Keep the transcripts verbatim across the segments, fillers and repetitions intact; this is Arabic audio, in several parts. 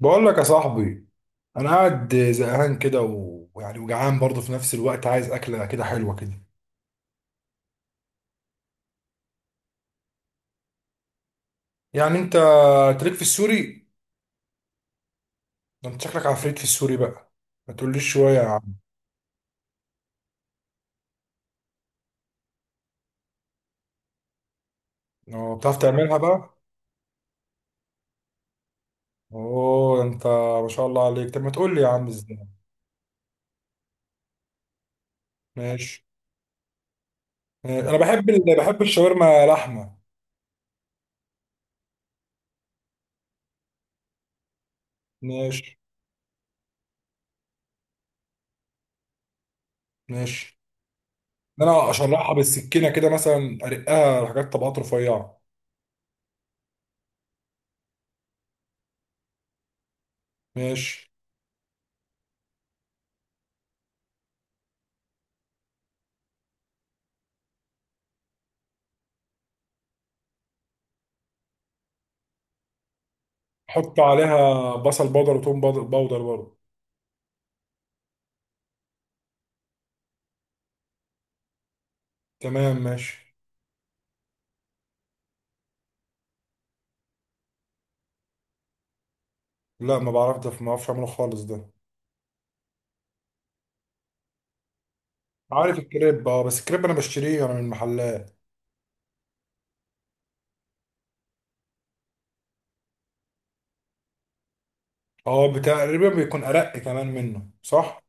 بقول لك يا صاحبي، انا قاعد زهقان كده و- ويعني وجعان برضه في نفس الوقت، عايز اكله كده حلوه كده. يعني انت تليك في السوري؟ ده انت شكلك عفريت في السوري بقى. ما تقوليش شويه يا عم. اه بتعرف تعملها بقى. اوه انت ما شاء الله عليك، طب ما تقول لي يا عم ازاي. ماشي ماشي. انا بحب ال... بحب الشاورما لحمه. ماشي ماشي. ان انا اشرحها بالسكينه كده، مثلا ارقها حاجات طبقات رفيعه. ماشي. احط عليها بصل بودر وتوم بود- بودر برضه. تمام ماشي. لا ما بعرف، ده ما بعرفش اعمله خالص ده. عارف الكريب اه، بس الكريب انا بشتريه انا من المحلات. اه تقريبا بيكون ارق كمان منه صح.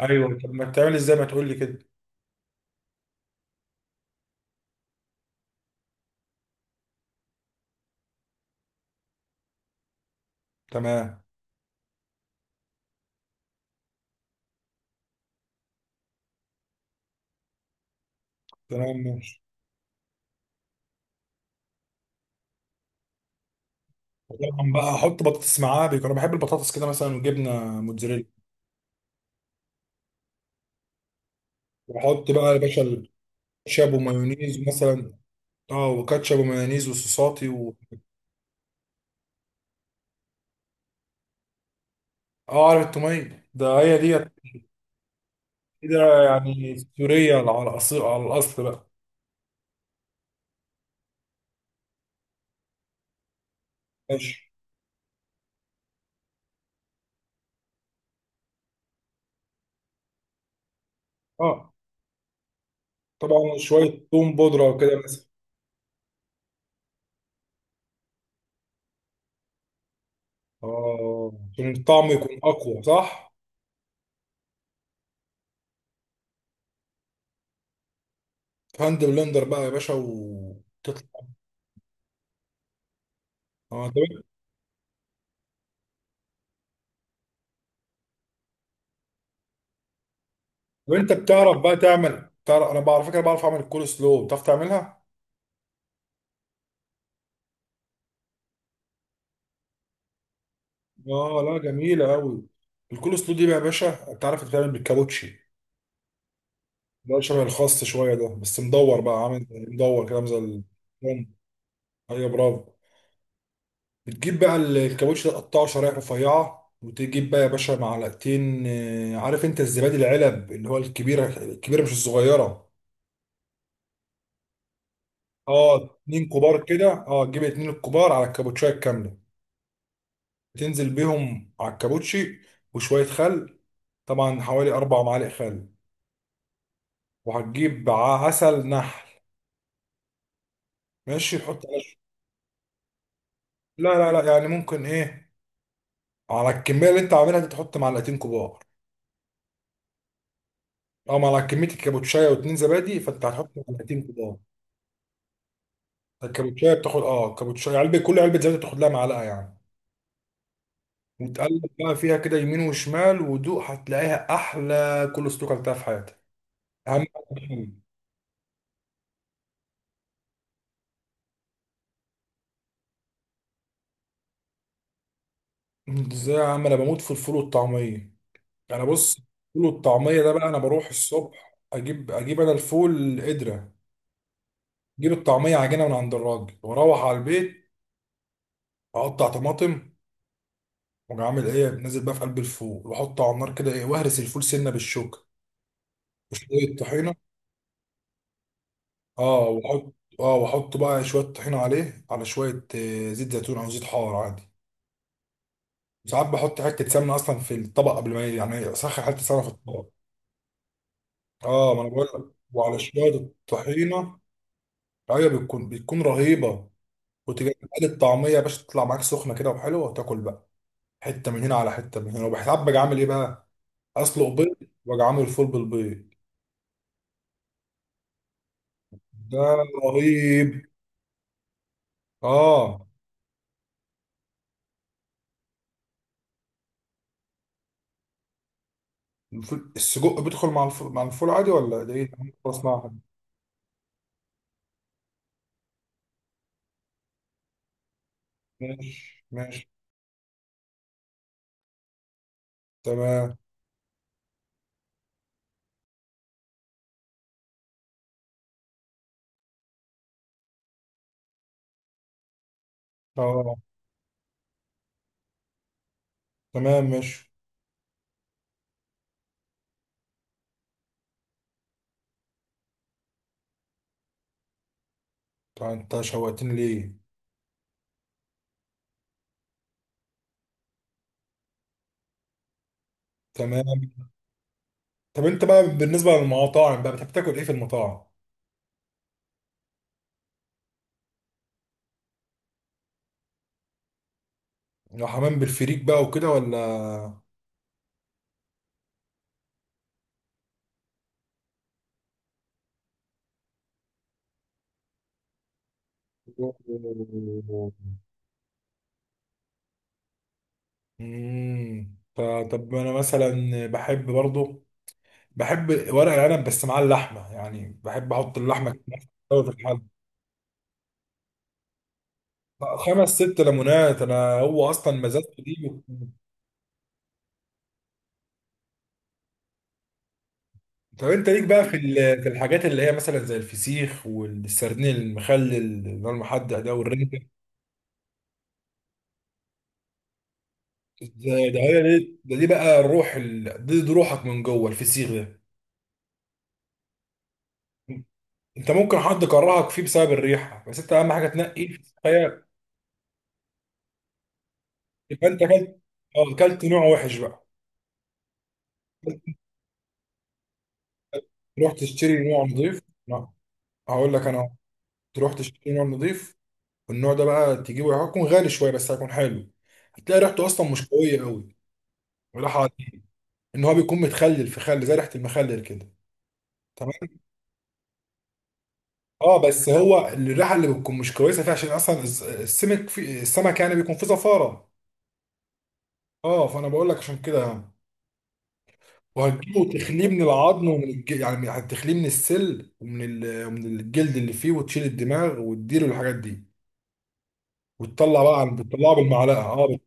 ايوه. طب ما بتعمل ازاي، ما تقول لي كده. تمام. تمام ماشي. طبعا بقى احط بطاطس معاه، بيكون انا بحب البطاطس كده مثلا، وجبنه موتزاريلا. واحط بقى يا باشا الكاتشب ومايونيز مثلا. اه وكاتشب ومايونيز وصوصاتي و... اه عارف التوميه ده هي ديت. كده يعني سوريه على الأصيل، على الاصل بقى. ماشي. اه طبعا شوية توم بودرة وكده مثلا. اه عشان الطعم يكون أقوى صح؟ في هاند بلندر بقى يا باشا، وتطلع. اه. طب طب أنت بتعرف بقى تعمل، تعرف أنا بعرف- على فكرة بعرف أعمل الكول سلو، بتعرف تعملها؟ اه لا جميلة أوي. الكول سلو دي بقى يا باشا، أنت عارف بتتعمل بالكابوتشي. ده شبه الخاص شوية، ده بس مدور بقى، عامل مدور كده زي ال- ايوه برافو. بتجيب بقى ال- الكاوتش ده، تقطعه شرايح رفيعة، وتجيب بقى يا باشا معلقتين، آه، عارف انت الزبادي العلب اللي هو الكبيرة، الكبيرة مش الصغيرة. اه اتنين كبار كده، اه تجيب اتنين الكبار على الكابوتشاية الكاملة. تنزل بيهم على الكابوتشي، وشوية خل، طبعا حوالي أربع معالق خل. وهتجيب ع- عسل نحل. ماشي. تحط على- لا لا لا، يعني ممكن ايه، على الكمية اللي انت عاملها دي تحط معلقتين كبار. او على كمية الكابوتشاية واتنين زبادي، فانت هتحط معلقتين كبار. الكابوتشايه بتاخد اه، الكابوتشايه علبه، كل علبه زبادي بتاخد لها معلقه يعني. وتقلب بقى فيها كده يمين وشمال، ودوق هتلاقيها احلى كول سلو اكلتها في حياتك. اهم حاجة. ازاي يا عم، انا بموت في الفول والطعميه. انا بص، الفول والطعميه ده بقى انا بروح الصبح اجيب اجيب انا الفول قدره. اجيب الطعميه عجينه من عند الراجل، واروح على البيت. اقطع طماطم، واجي عامل ايه، نازل بقى في قلب الفول واحطه على النار كده ايه، واهرس الفول سنه بالشوكه، وشويه طحينه. اه واحط اه واحط بقى شويه طحينه عليه، على شويه آه، زيت زيتون او زيت حار عادي. ساعات بحط حته سمنه اصلا في الطبق قبل ما ي- يعني اسخن حته سمنه في الطبق. اه ما انا بقول لك، وعلى شويه الطحينه. ايوه بتكون بتكون رهيبه. وتجي تقلي الطعميه يا باشا، تطلع معاك سخنه كده وحلوه، وتاكل بقى. حته من هنا على حته من هنا، وبحساب باجي عامل ايه بقى، اسلق بيض، واجي عامل فول بالبيض. ده رهيب. اه الفول، السجق بيدخل مع الفول مع الفول عادي، ولا ده ايه؟ أنا أول مرة اسمعها. ماشي ماشي. تمام. اه تمام ماشي. طب انت شوقتني ليه. تمام. طب انت بقى بالنسبة للمطاعم بقى، بتحب تاكل ايه في المطاعم؟ لو حمام بالفريك بقى وكده، ولا؟ امم ف- طب انا مثلا بحب برضو، بحب ورق العنب، بس مع اللحمة، يعني بحب احط اللحمة كده في الحل. خمس ست ليمونات، انا هو اصلا مزاجي دي. طب انت ليك بقى في ال- في الحاجات اللي هي مثلا زي الفسيخ والسردين المخلل اللي هو المحدق ده، والرنجة. ده ده هي دي ده دي بقى الروح، ال- دي, دي روحك من جوه الفسيخ ده. انت ممكن حد كرهك فيه بسبب الريحة، بس انت اهم حاجة تنقي فسيخ. يبقى انت اكلت، اه اكلت نوع وحش بقى. تروح تشتري نوع نضيف. لا هقول لك انا، تروح تشتري نوع نضيف. والنوع ده بقى تجيبه هيكون غالي شوية، بس هيكون حلو. هتلاقي ريحته اصلا مش قوية قوي ولا حاجة. ان هو بيكون متخلل في خل، زي ريحه المخلل كده. تمام. اه بس هو الريحه اللي بتكون مش كويسه فيها، عشان اصلا الز- السمك، في السمك يعني بيكون فيه زفاره. اه فانا بقول لك عشان كده يعني. وهتجيبه، وتخليه من العظم ومن الج... يعني هتخليه من السل ومن ال... ومن الجلد اللي فيه، وتشيل الدماغ، وتديله الحاجات دي. وتطلع بقى عن بتطلعه بالمعلقه اه بت-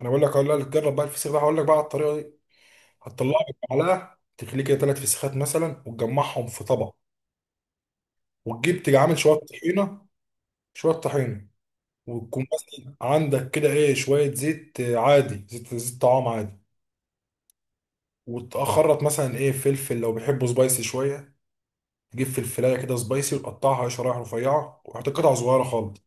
انا بقول لك، اقول لك جرب بقى الفسيخ ده، هقول لك بقى على الطريقه دي. هتطلعه بالمعلقه، تخليه كده ثلاث فسيخات مثلا، وتجمعهم في طبق. وتجيب تيجي عامل شويه طحينه، شويه طحينه، وتكون مثلا عندك كده ايه شوية زيت، آه، عادي زيت، زيت طعام عادي. وتخرط مثلا ايه فلفل، لو بيحبوا سبايسي شوية. تجيب فلفلاية كده سبايسي، وتقطعها شرايح رفيعة، وحط قطع صغيرة خالص.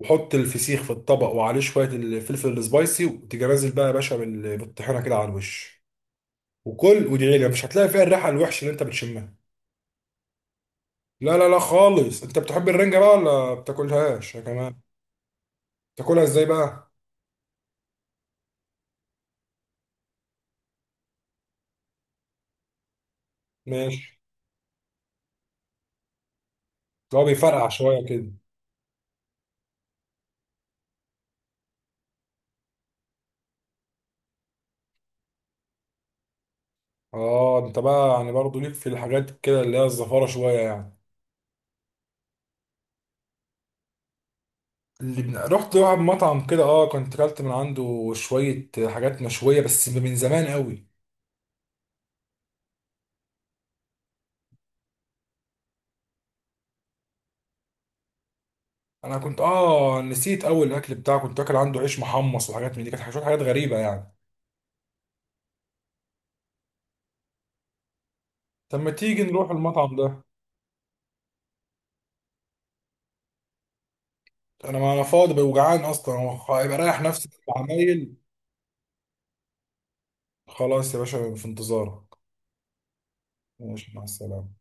وحط الفسيخ في الطبق، وعليه شوية الفلفل السبايسي، وتيجي نازل بقى يا باشا بال- بالطحينة كده على الوش. وكل، وادعي لي مش هتلاقي فيها الريحة الوحشة اللي انت بتشمها. لا لا لا خالص. انت بتحب الرنجة بقى ولا بتاكلهاش يا كمان؟ بتاكلها ازاي بقى؟ ماشي. لو بيفرقع شوية كده. اه انت بقى يعني برضه ليك في الحاجات كده اللي هي الزفاره شويه يعني. اللي بن... رحت واحد مطعم كده اه، كنت اكلت من عنده شويه حاجات مشويه، بس من زمان قوي. انا كنت اه نسيت اول الاكل بتاعه، كنت اكل عنده عيش محمص وحاجات من دي، كانت حاجات حاجات غريبه يعني. طب ما تيجي نروح المطعم ده. انا ما انا فاضي وجعان اصلا، هو هيبقى رايح نفسي في العمايل. خلاص يا باشا في انتظارك. ماشي مع السلامه.